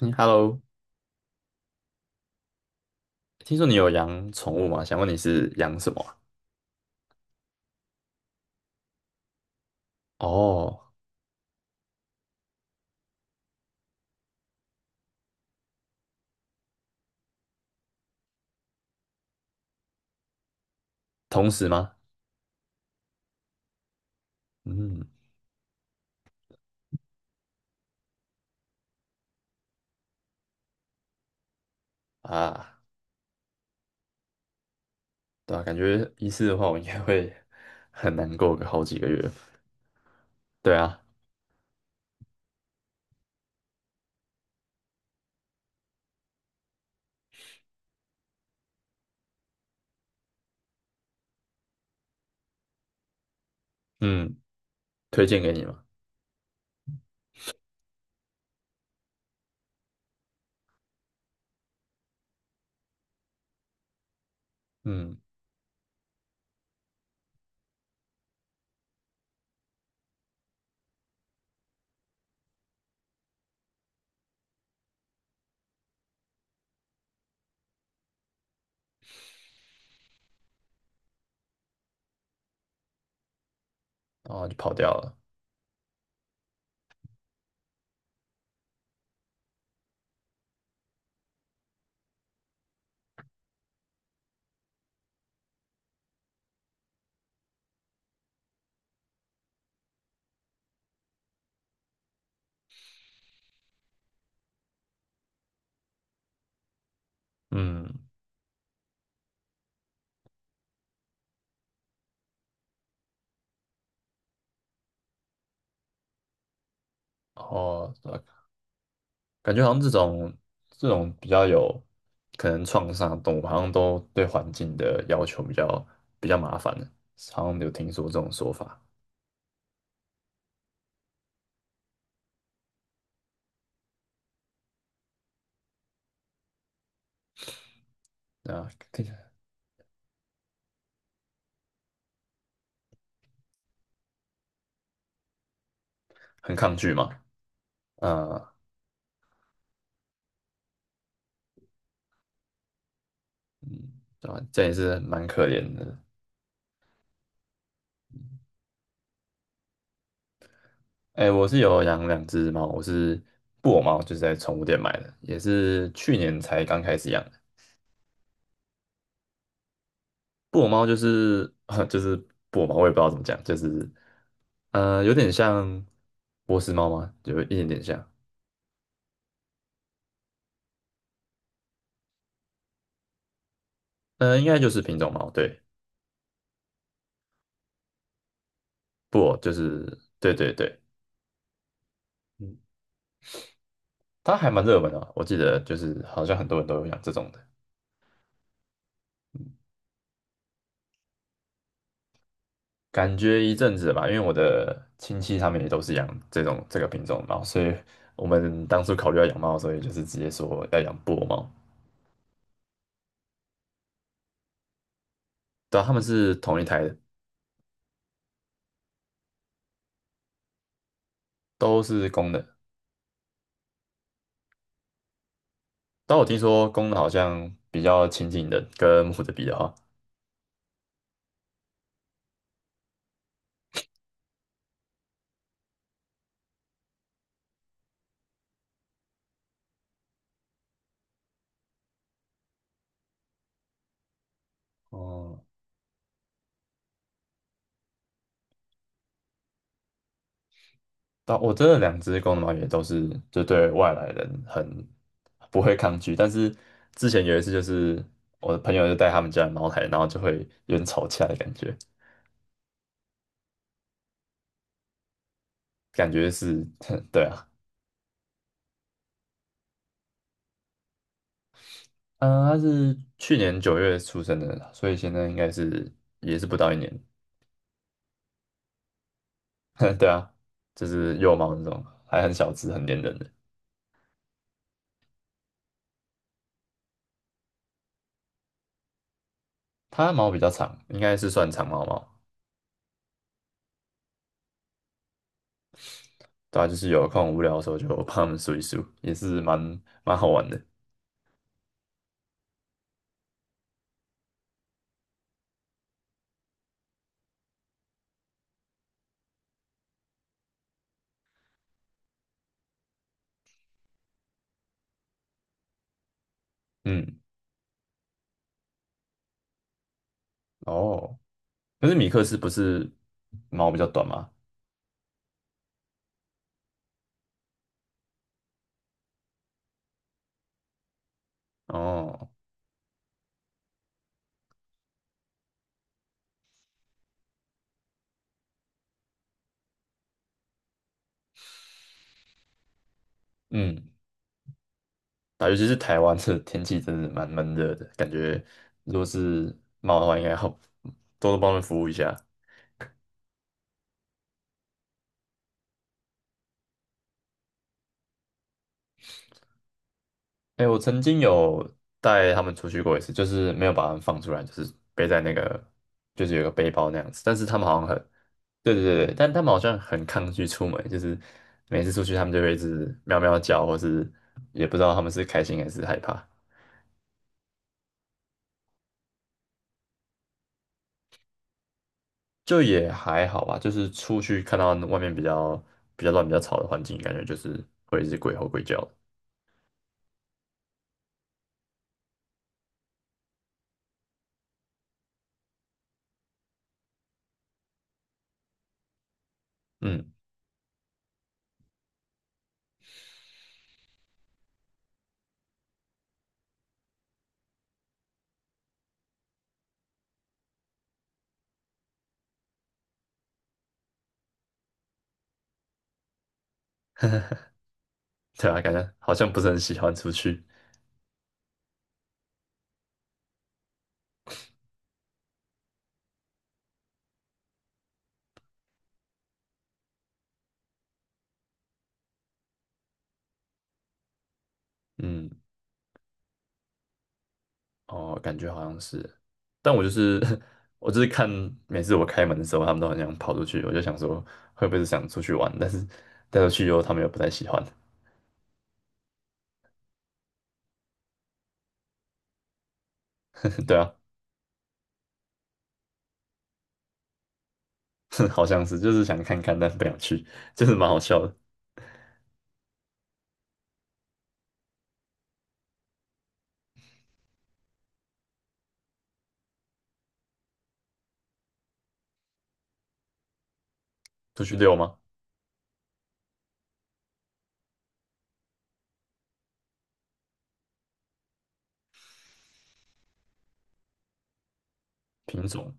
嗯，Hello，听说你有养宠物吗？想问你是养什么啊？哦，同时吗？嗯啊，对啊，感觉一次的话，我应该会很难过个好几个月。对啊，嗯，推荐给你嘛，嗯，然后就跑掉了，嗯，哦，对啊，感觉好像这种比较有可能创伤的动物，好像都对环境的要求比较麻烦的，好像有听说这种说法，对啊，听起来很抗拒嘛。嗯，对吧？这也是蛮可怜的。哎，我是有养两只猫，我是布偶猫，就是在宠物店买的，也是去年才刚开始养的。布偶猫就是 就是布偶猫，我也不知道怎么讲，就是有点像波斯猫吗？有一点点像，应该就是品种猫，对，布偶就是对对对，嗯，它还蛮热门的，我记得就是好像很多人都有养这种的。感觉一阵子吧，因为我的亲戚他们也都是养这种这个品种的猫，所以我们当初考虑要养猫，所以就是直接说要养布偶猫。对啊，他们是同一台的，都是公的。但我听说公的好像比较亲近的，跟母的比的话，哦，但我真的两只公的猫也都是就对外来人很不会抗拒，但是之前有一次，就是我的朋友就带他们家的猫来，然后就会有点吵架的感觉，感觉是，对啊。嗯，它是去年九月出生的，所以现在应该是也是不到一年。对啊，就是幼猫那种，还很小只，很黏人的。它毛比较长，应该是算长毛猫。对啊，就是有空无聊的时候就帮它们梳一梳，也是蛮好玩的。嗯，哦，可是米克斯不是毛比较短吗？哦，嗯，啊，尤其是台湾这天气真的蛮闷热的，感觉如果是猫的话，应该要 多多帮它们服务一下。哎，我曾经有带他们出去过一次，就是没有把他们放出来，就是背在那个，就是有个背包那样子。但是他们好像很，对对对对，但他们好像很抗拒出门，就是每次出去他们就会一直喵喵叫，或是也不知道他们是开心还是害怕。就也还好吧，就是出去看到外面比较乱、比较吵的环境，感觉就是会一直鬼吼鬼叫的。嗯，对啊，感觉好像不是很喜欢出去。嗯。哦，感觉好像是，但我就是 我就是看每次我开门的时候，他们都很想跑出去，我就想说会不会是想出去玩，但是带出去以后他们又不太喜欢，对啊，好像是就是想看看，但是不想去，就是蛮好笑的。出去遛吗？品种，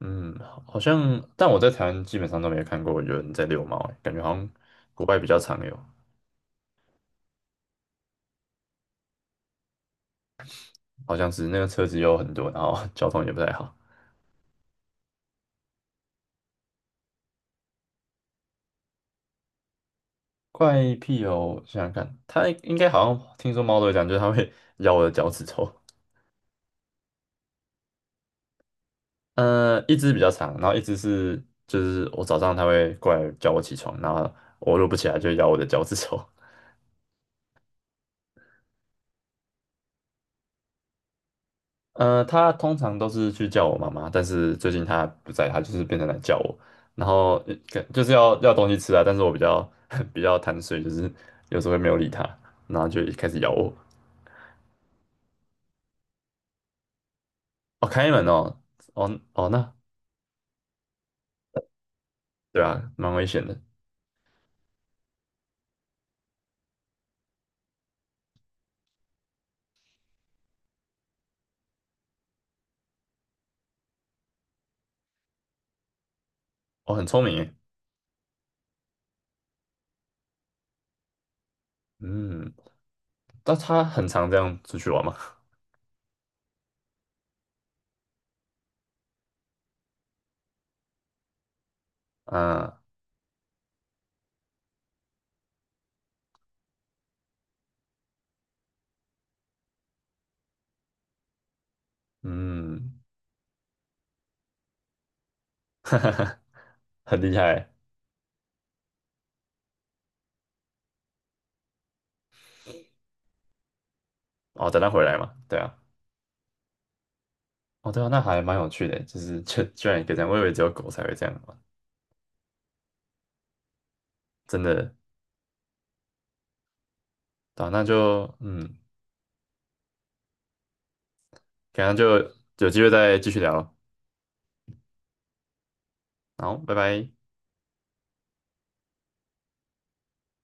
嗯，好好像，但我在台湾基本上都没有看过有人在遛猫欸，感觉好像国外比较常有，好像是那个车子有很多，然后 交通也不太好。怪癖哦，想想看，它应该好像听说猫都会讲，就是它会 咬我的脚趾头。一只比较长，然后一只是就是我早上它会过来叫我起床，然后我如果不起来就咬我的脚趾头。它通常都是去叫我妈妈，但是最近它不在，它就是变成来叫我，然后就是要东西吃啊，但是我比较 比较贪睡，就是有时候会没有理它，然后就开始咬我。哦，开门哦，哦哦，那对啊，蛮危险的。哦，很聪明耶。嗯。但他很常这样出去玩嘛。啊，嗯，哈哈很厉害。哦，等他回来嘛。对啊，哦，对啊，那还蛮有趣的，就是 居然也可以这样，我以为只有狗才会这样玩，真的。对啊，那就嗯，可能就有机会再继续聊咯。好，拜拜。